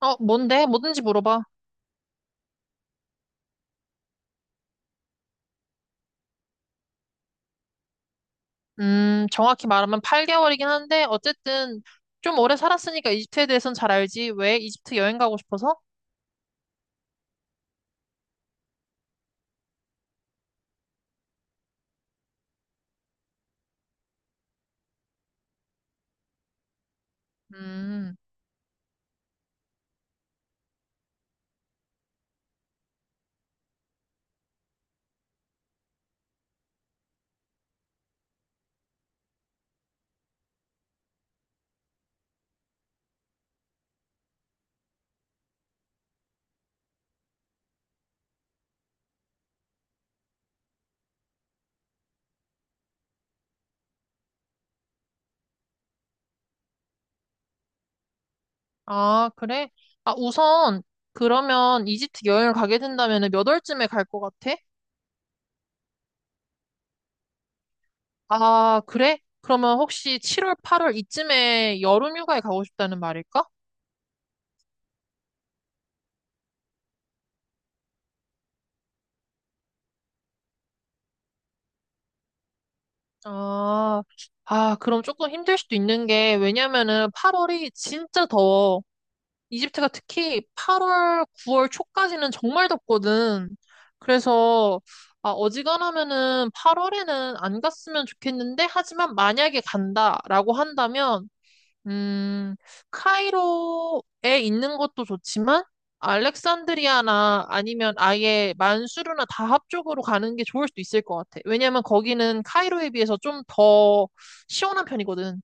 어, 뭔데? 뭐든지 물어봐. 정확히 말하면 8개월이긴 한데, 어쨌든 좀 오래 살았으니까 이집트에 대해서는 잘 알지. 왜 이집트 여행 가고 싶어서? 음. 아, 그래? 아, 우선, 그러면 이집트 여행을 가게 된다면 몇 월쯤에 갈 것 같아? 아, 그래? 그러면 혹시 7월, 8월 이쯤에 여름 휴가에 가고 싶다는 말일까? 아, 아, 그럼 조금 힘들 수도 있는 게, 왜냐면은 8월이 진짜 더워. 이집트가 특히 8월, 9월 초까지는 정말 덥거든. 그래서, 아, 어지간하면은 8월에는 안 갔으면 좋겠는데 하지만 만약에 간다라고 한다면 음, 카이로에 있는 것도 좋지만 알렉산드리아나 아니면 아예 만수르나 다합 쪽으로 가는 게 좋을 수도 있을 것 같아. 왜냐면 거기는 카이로에 비해서 좀 더 시원한 편이거든.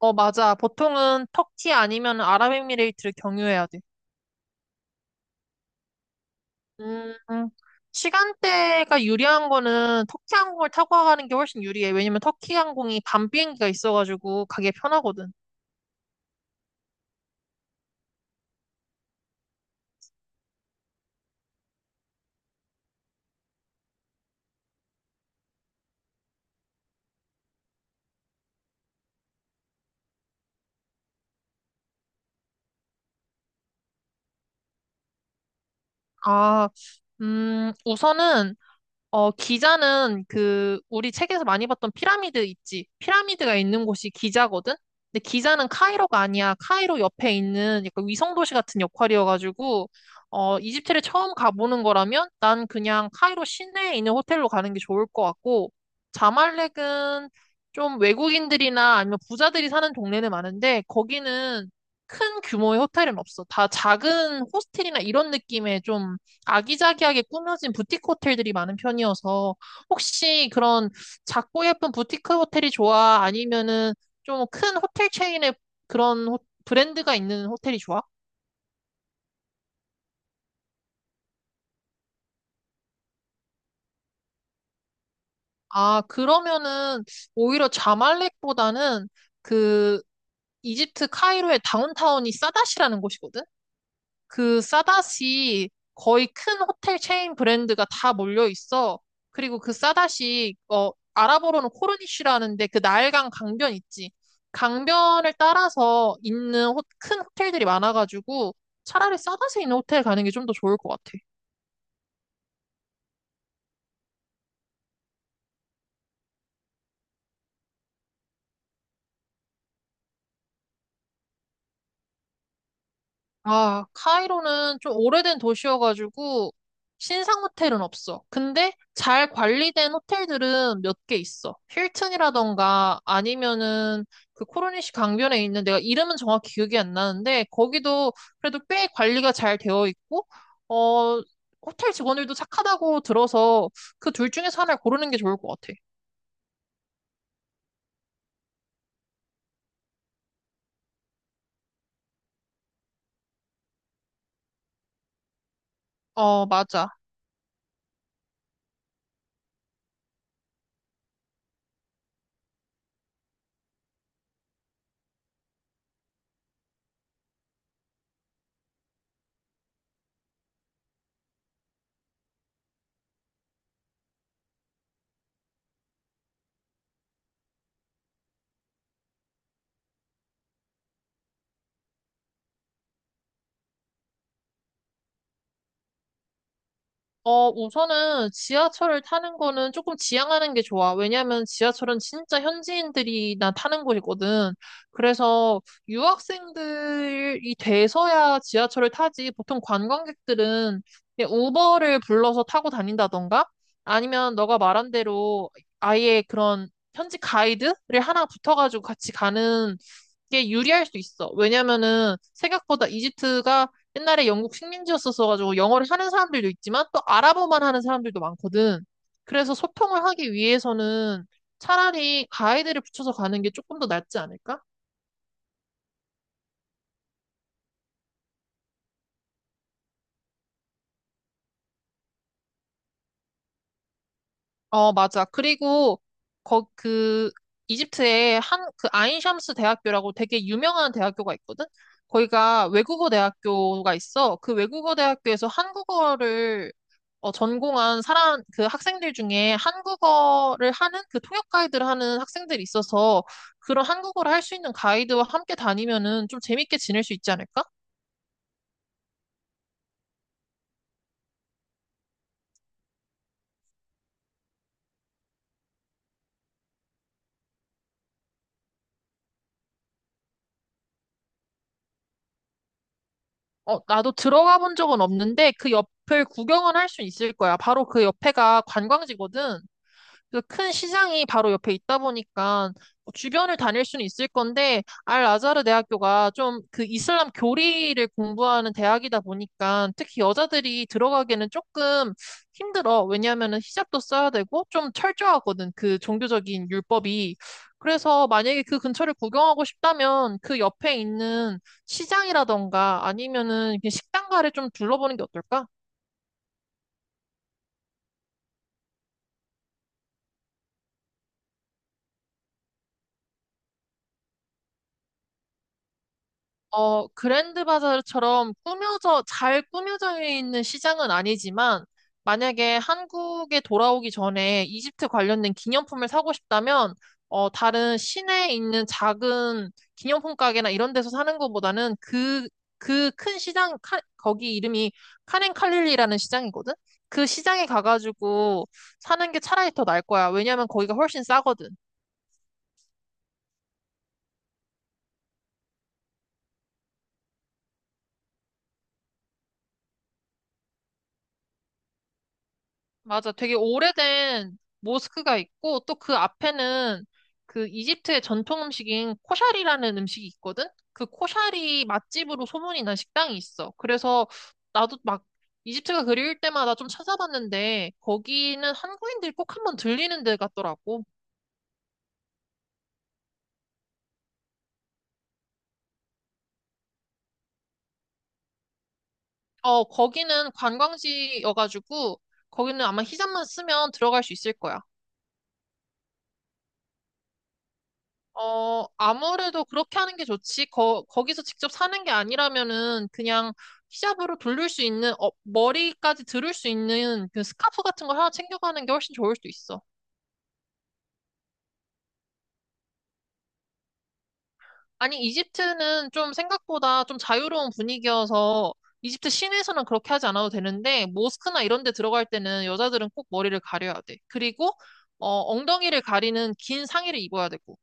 어, 맞아. 보통은 터키 아니면 아랍에미레이트를 경유해야 돼. 음, 시간대가 유리한 거는 터키 항공을 타고 가는 게 훨씬 유리해. 왜냐면 터키 항공이 밤 비행기가 있어가지고 가기 편하거든. 아, 우선은 기자는 그, 우리 책에서 많이 봤던 피라미드 있지? 피라미드가 있는 곳이 기자거든? 근데 기자는 카이로가 아니야. 카이로 옆에 있는 약간 위성도시 같은 역할이어가지고, 이집트를 처음 가보는 거라면 난 그냥 카이로 시내에 있는 호텔로 가는 게 좋을 것 같고, 자말렉은 좀 외국인들이나 아니면 부자들이 사는 동네는 많은데, 거기는 큰 규모의 호텔은 없어. 다 작은 호스텔이나 이런 느낌의 좀 아기자기하게 꾸며진 부티크 호텔들이 많은 편이어서 혹시 그런 작고 예쁜 부티크 호텔이 좋아? 아니면은 좀 큰 호텔 체인의 그런 브랜드가 있는 호텔이 좋아? 아, 그러면은 오히려 자말렉보다는 그 이집트 카이로의 다운타운이 사다시라는 곳이거든? 그 싸다시 거의 큰 호텔 체인 브랜드가 다 몰려 있어. 그리고 그 싸다시 아랍어로는 코르니시라는데 그 나일강 강변 있지. 강변을 따라서 있는 큰 호텔들이 많아가지고 차라리 싸다시 있는 호텔 가는 게 좀 더 좋을 것 같아. 아, 카이로는 좀 오래된 도시여가지고 신상 호텔은 없어. 근데 잘 관리된 호텔들은 몇 개 있어. 힐튼이라던가 아니면은 그 코르니시 강변에 있는 내가 이름은 정확히 기억이 안 나는데 거기도 그래도 꽤 관리가 잘 되어 있고 어 호텔 직원들도 착하다고 들어서 그 둘 중에서 하나를 고르는 게 좋을 것 같아. 어, 맞아. 어, 우선은 지하철을 타는 거는 조금 지양하는 게 좋아. 왜냐면 지하철은 진짜 현지인들이나 타는 곳이거든. 그래서 유학생들이 돼서야 지하철을 타지. 보통 관광객들은 그냥 우버를 불러서 타고 다닌다던가 아니면 너가 말한 대로 아예 그런 현지 가이드를 하나 붙어가지고 같이 가는 게 유리할 수 있어. 왜냐면은 생각보다 이집트가 옛날에 영국 식민지였어서 가지고 영어를 하는 사람들도 있지만 또 아랍어만 하는 사람들도 많거든. 그래서 소통을 하기 위해서는 차라리 가이드를 붙여서 가는 게 조금 더 낫지 않을까? 어, 맞아. 그리고, 거, 그, 이집트에 한, 그, 아인샴스 대학교라고 되게 유명한 대학교가 있거든? 거기가 외국어 대학교가 있어. 그 외국어 대학교에서 한국어를 전공한 사람, 그 학생들 중에 한국어를 하는 그 통역 가이드를 하는 학생들이 있어서 그런 한국어를 할 수 있는 가이드와 함께 다니면은 좀 재밌게 지낼 수 있지 않을까? 어, 나도 들어가 본 적은 없는데 그 옆을 구경은 할 수 있을 거야. 바로 그 옆에가 관광지거든. 그래서 큰 시장이 바로 옆에 있다 보니까 뭐 주변을 다닐 수는 있을 건데 알 아자르 대학교가 좀 그 이슬람 교리를 공부하는 대학이다 보니까 특히 여자들이 들어가기에는 조금 힘들어. 왜냐하면 히잡도 써야 되고 좀 철저하거든. 그 종교적인 율법이. 그래서 만약에 그 근처를 구경하고 싶다면 그 옆에 있는 시장이라던가 아니면은 그냥 식당가를 좀 둘러보는 게 어떨까? 어, 그랜드 바자르처럼 꾸며져, 잘 꾸며져 있는 시장은 아니지만, 만약에 한국에 돌아오기 전에 이집트 관련된 기념품을 사고 싶다면, 다른 시내에 있는 작은 기념품 가게나 이런 데서 사는 것보다는 그, 큰 시장, 거기 이름이 카렌 칼릴리라는 시장이거든? 그 시장에 가가지고 사는 게 차라리 더 나을 거야. 왜냐면 거기가 훨씬 싸거든. 맞아. 되게 오래된 모스크가 있고, 또 그 앞에는 그 이집트의 전통 음식인 코샤리라는 음식이 있거든? 그 코샤리 맛집으로 소문이 난 식당이 있어. 그래서 나도 막 이집트가 그리울 때마다 좀 찾아봤는데, 거기는 한국인들이 꼭 한번 들리는 데 같더라고. 어, 거기는 관광지여가지고, 거기는 아마 히잡만 쓰면 들어갈 수 있을 거야. 어, 아무래도 그렇게 하는 게 좋지. 거기서 직접 사는 게 아니라면은 그냥 히잡으로 돌릴 수 있는, 머리까지 들을 수 있는 그 스카프 같은 걸 하나 챙겨가는 게 훨씬 좋을 수도 있어. 아니, 이집트는 좀 생각보다 좀 자유로운 분위기여서 이집트 시내에서는 그렇게 하지 않아도 되는데, 모스크나 이런 데 들어갈 때는 여자들은 꼭 머리를 가려야 돼. 그리고, 엉덩이를 가리는 긴 상의를 입어야 되고.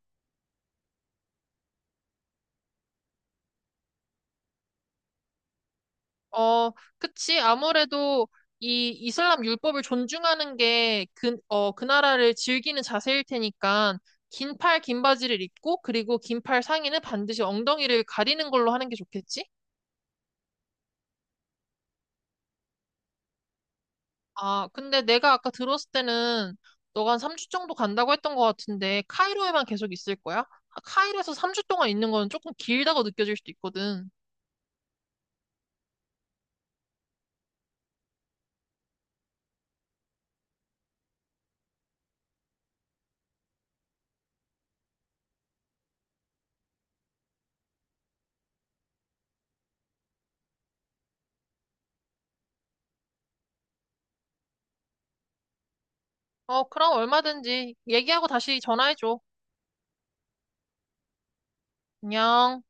어, 그치. 아무래도 이 이슬람 율법을 존중하는 게 그 나라를 즐기는 자세일 테니까 긴 팔, 긴 바지를 입고 그리고 긴팔 상의는 반드시 엉덩이를 가리는 걸로 하는 게 좋겠지? 아, 근데 내가 아까 들었을 때는 너가 한 3주 정도 간다고 했던 것 같은데 카이로에만 계속 있을 거야? 아, 카이로에서 3주 동안 있는 건 조금 길다고 느껴질 수도 있거든. 어, 그럼 얼마든지 얘기하고 다시 전화해줘. 안녕.